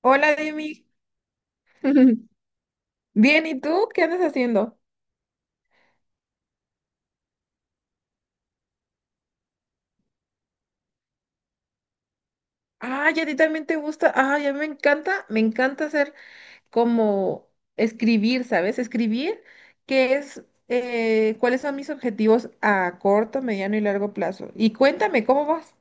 Hola, Demi. Bien, ¿y tú? ¿Qué andas haciendo? Ah, ya a ti también te gusta. Ah, ya me encanta hacer como escribir, ¿sabes? Escribir, que es cuáles son mis objetivos a corto, mediano y largo plazo. Y cuéntame, ¿cómo vas?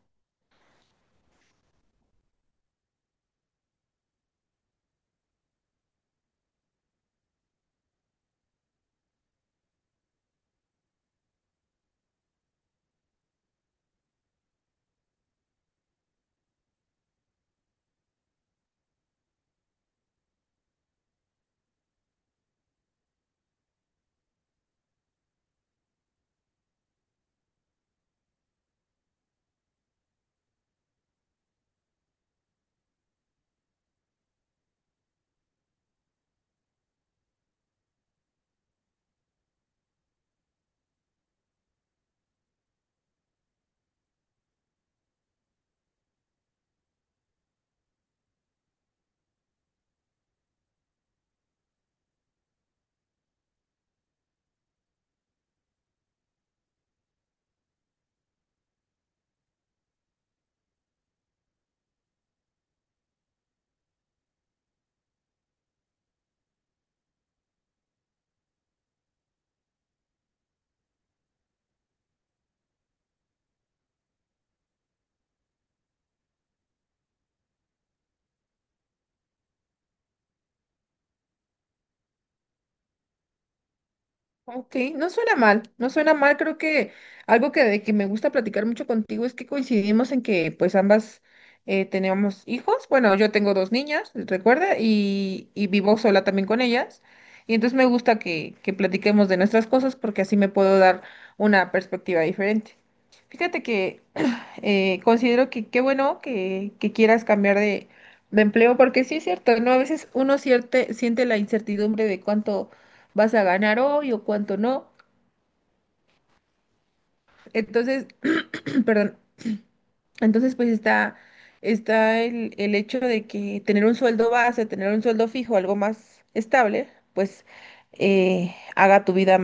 Ok, no suena mal, no suena mal, creo que algo que, de que me gusta platicar mucho contigo es que coincidimos en que pues ambas tenemos hijos. Bueno, yo tengo dos niñas, recuerda, y vivo sola también con ellas, y entonces me gusta que platiquemos de nuestras cosas porque así me puedo dar una perspectiva diferente. Fíjate que considero que qué bueno que quieras cambiar de empleo, porque sí es cierto, ¿no? A veces uno siente la incertidumbre de cuánto vas a ganar hoy o cuánto no. Entonces, perdón, entonces pues está, está el hecho de que tener un sueldo base, tener un sueldo fijo, algo más estable, pues haga tu vida,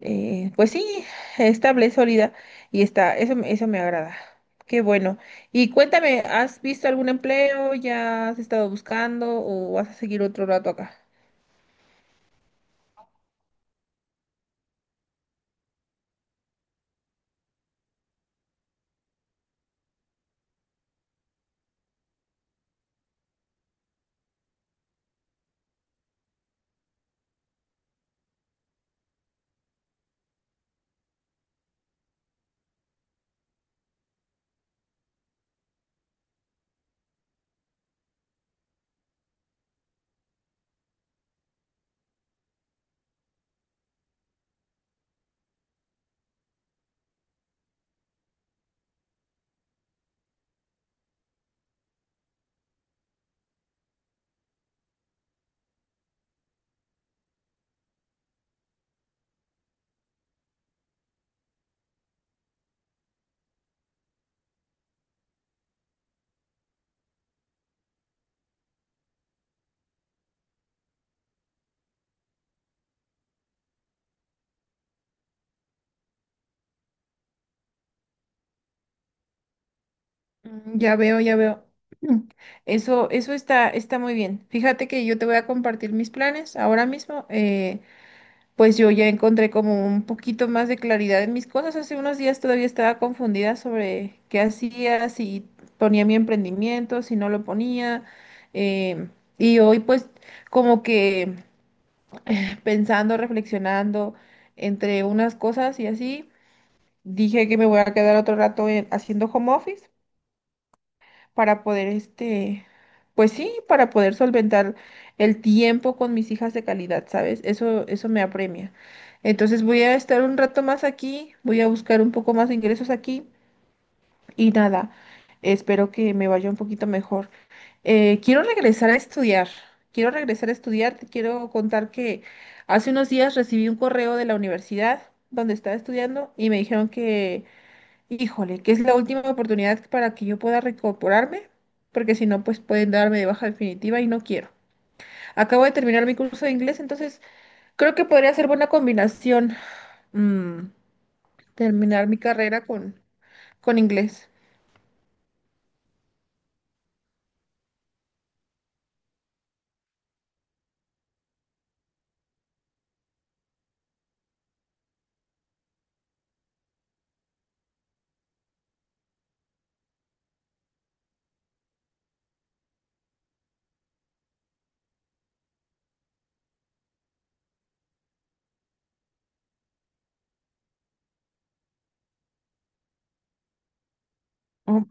Pues sí, estable, sólida, y está, eso, eso me agrada. Qué bueno. Y cuéntame, ¿has visto algún empleo? ¿Ya has estado buscando o vas a seguir otro rato acá? Mm, ya veo, ya veo. Mm, eso, eso está, está muy bien. Fíjate que yo te voy a compartir mis planes ahora mismo. Pues yo ya encontré como un poquito más de claridad en mis cosas. Hace unos días todavía estaba confundida sobre qué hacía, si ponía mi emprendimiento, si no lo ponía. em, y hoy pues como que pensando, reflexionando entre unas cosas y así, dije que me voy a quedar otro rato haciendo home office para poder, este, pues sí, para poder solventar el tiempo con mis hijas de calidad, ¿sabes? Eso me apremia. Entonces voy a estar un rato más aquí, voy a buscar un poco más de ingresos aquí y nada, espero que me vaya un poquito mejor. Quiero regresar a estudiar, quiero regresar a estudiar, te quiero contar que hace unos días recibí un correo de la universidad donde estaba estudiando y me dijeron que, híjole, que es la última oportunidad para que yo pueda reincorporarme, porque si no, pues pueden darme de baja definitiva y no quiero. Acabo de terminar mi curso de inglés, entonces creo que podría ser buena combinación mm, terminar mi carrera con inglés. Oh,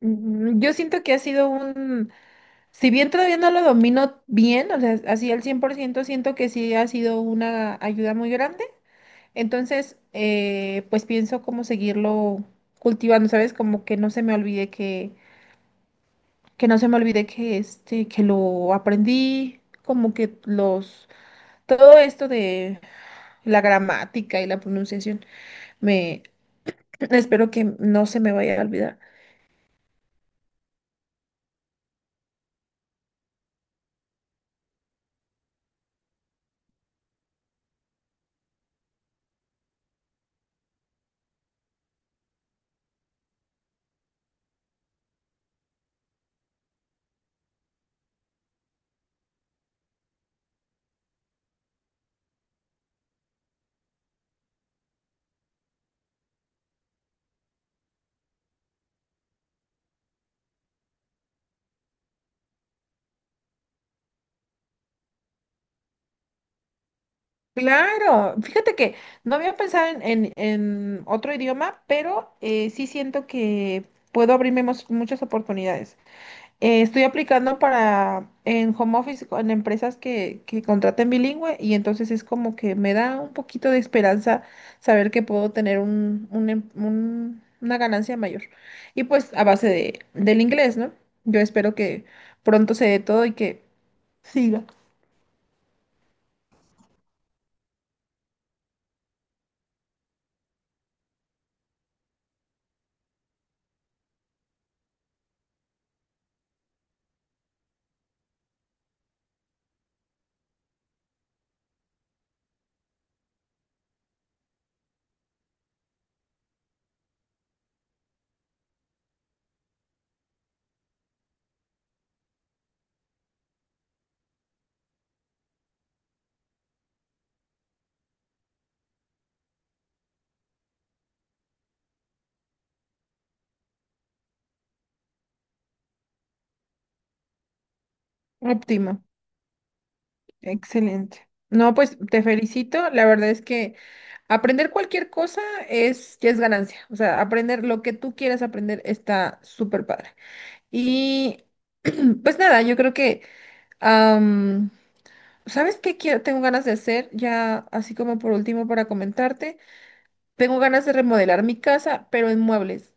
mm, yo siento que ha sido un, si bien todavía no lo domino bien, o sea, así al 100%, siento que sí ha sido una ayuda muy grande. Entonces, pues pienso cómo seguirlo cultivando, ¿sabes? Como que no se me olvide que no se me olvide que este, que lo aprendí, como que los, todo esto de la gramática y la pronunciación, me espero que no se me vaya a olvidar. Claro, fíjate que no había pensado en, en otro idioma, pero sí siento que puedo abrirme muchas oportunidades. Estoy aplicando para en home office, en empresas que contraten bilingüe y entonces es como que me da un poquito de esperanza saber que puedo tener un, una ganancia mayor. Y pues a base de, del inglés, ¿no? Yo espero que pronto se dé todo y que siga. Óptima, excelente. No, pues te felicito. La verdad es que aprender cualquier cosa es, ya es ganancia. O sea, aprender lo que tú quieras aprender está súper padre. Y pues nada, yo creo que, am, ¿sabes qué quiero? Tengo ganas de hacer, ya así como por último para comentarte, tengo ganas de remodelar mi casa, pero en muebles.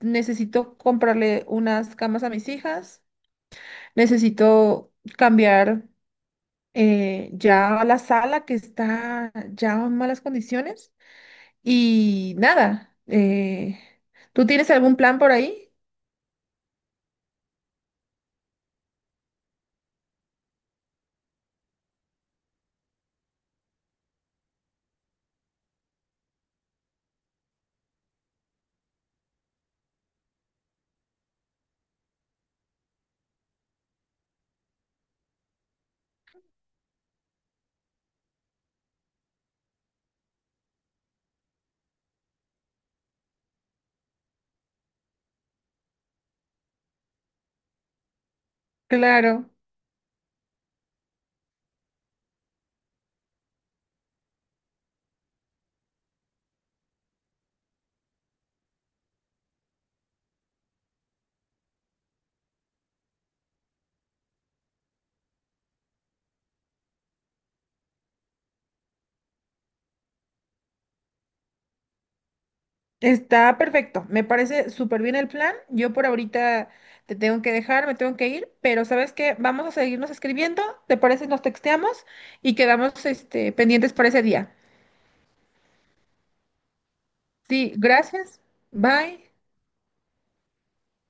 Necesito comprarle unas camas a mis hijas, necesito cambiar ya la sala que está ya en malas condiciones y nada, ¿tú tienes algún plan por ahí? Claro. Está perfecto, me parece súper bien el plan. Yo por ahorita te tengo que dejar, me tengo que ir, pero ¿sabes qué? Vamos a seguirnos escribiendo, ¿te parece? Nos texteamos y quedamos este, pendientes para ese día. Sí, gracias. Bye.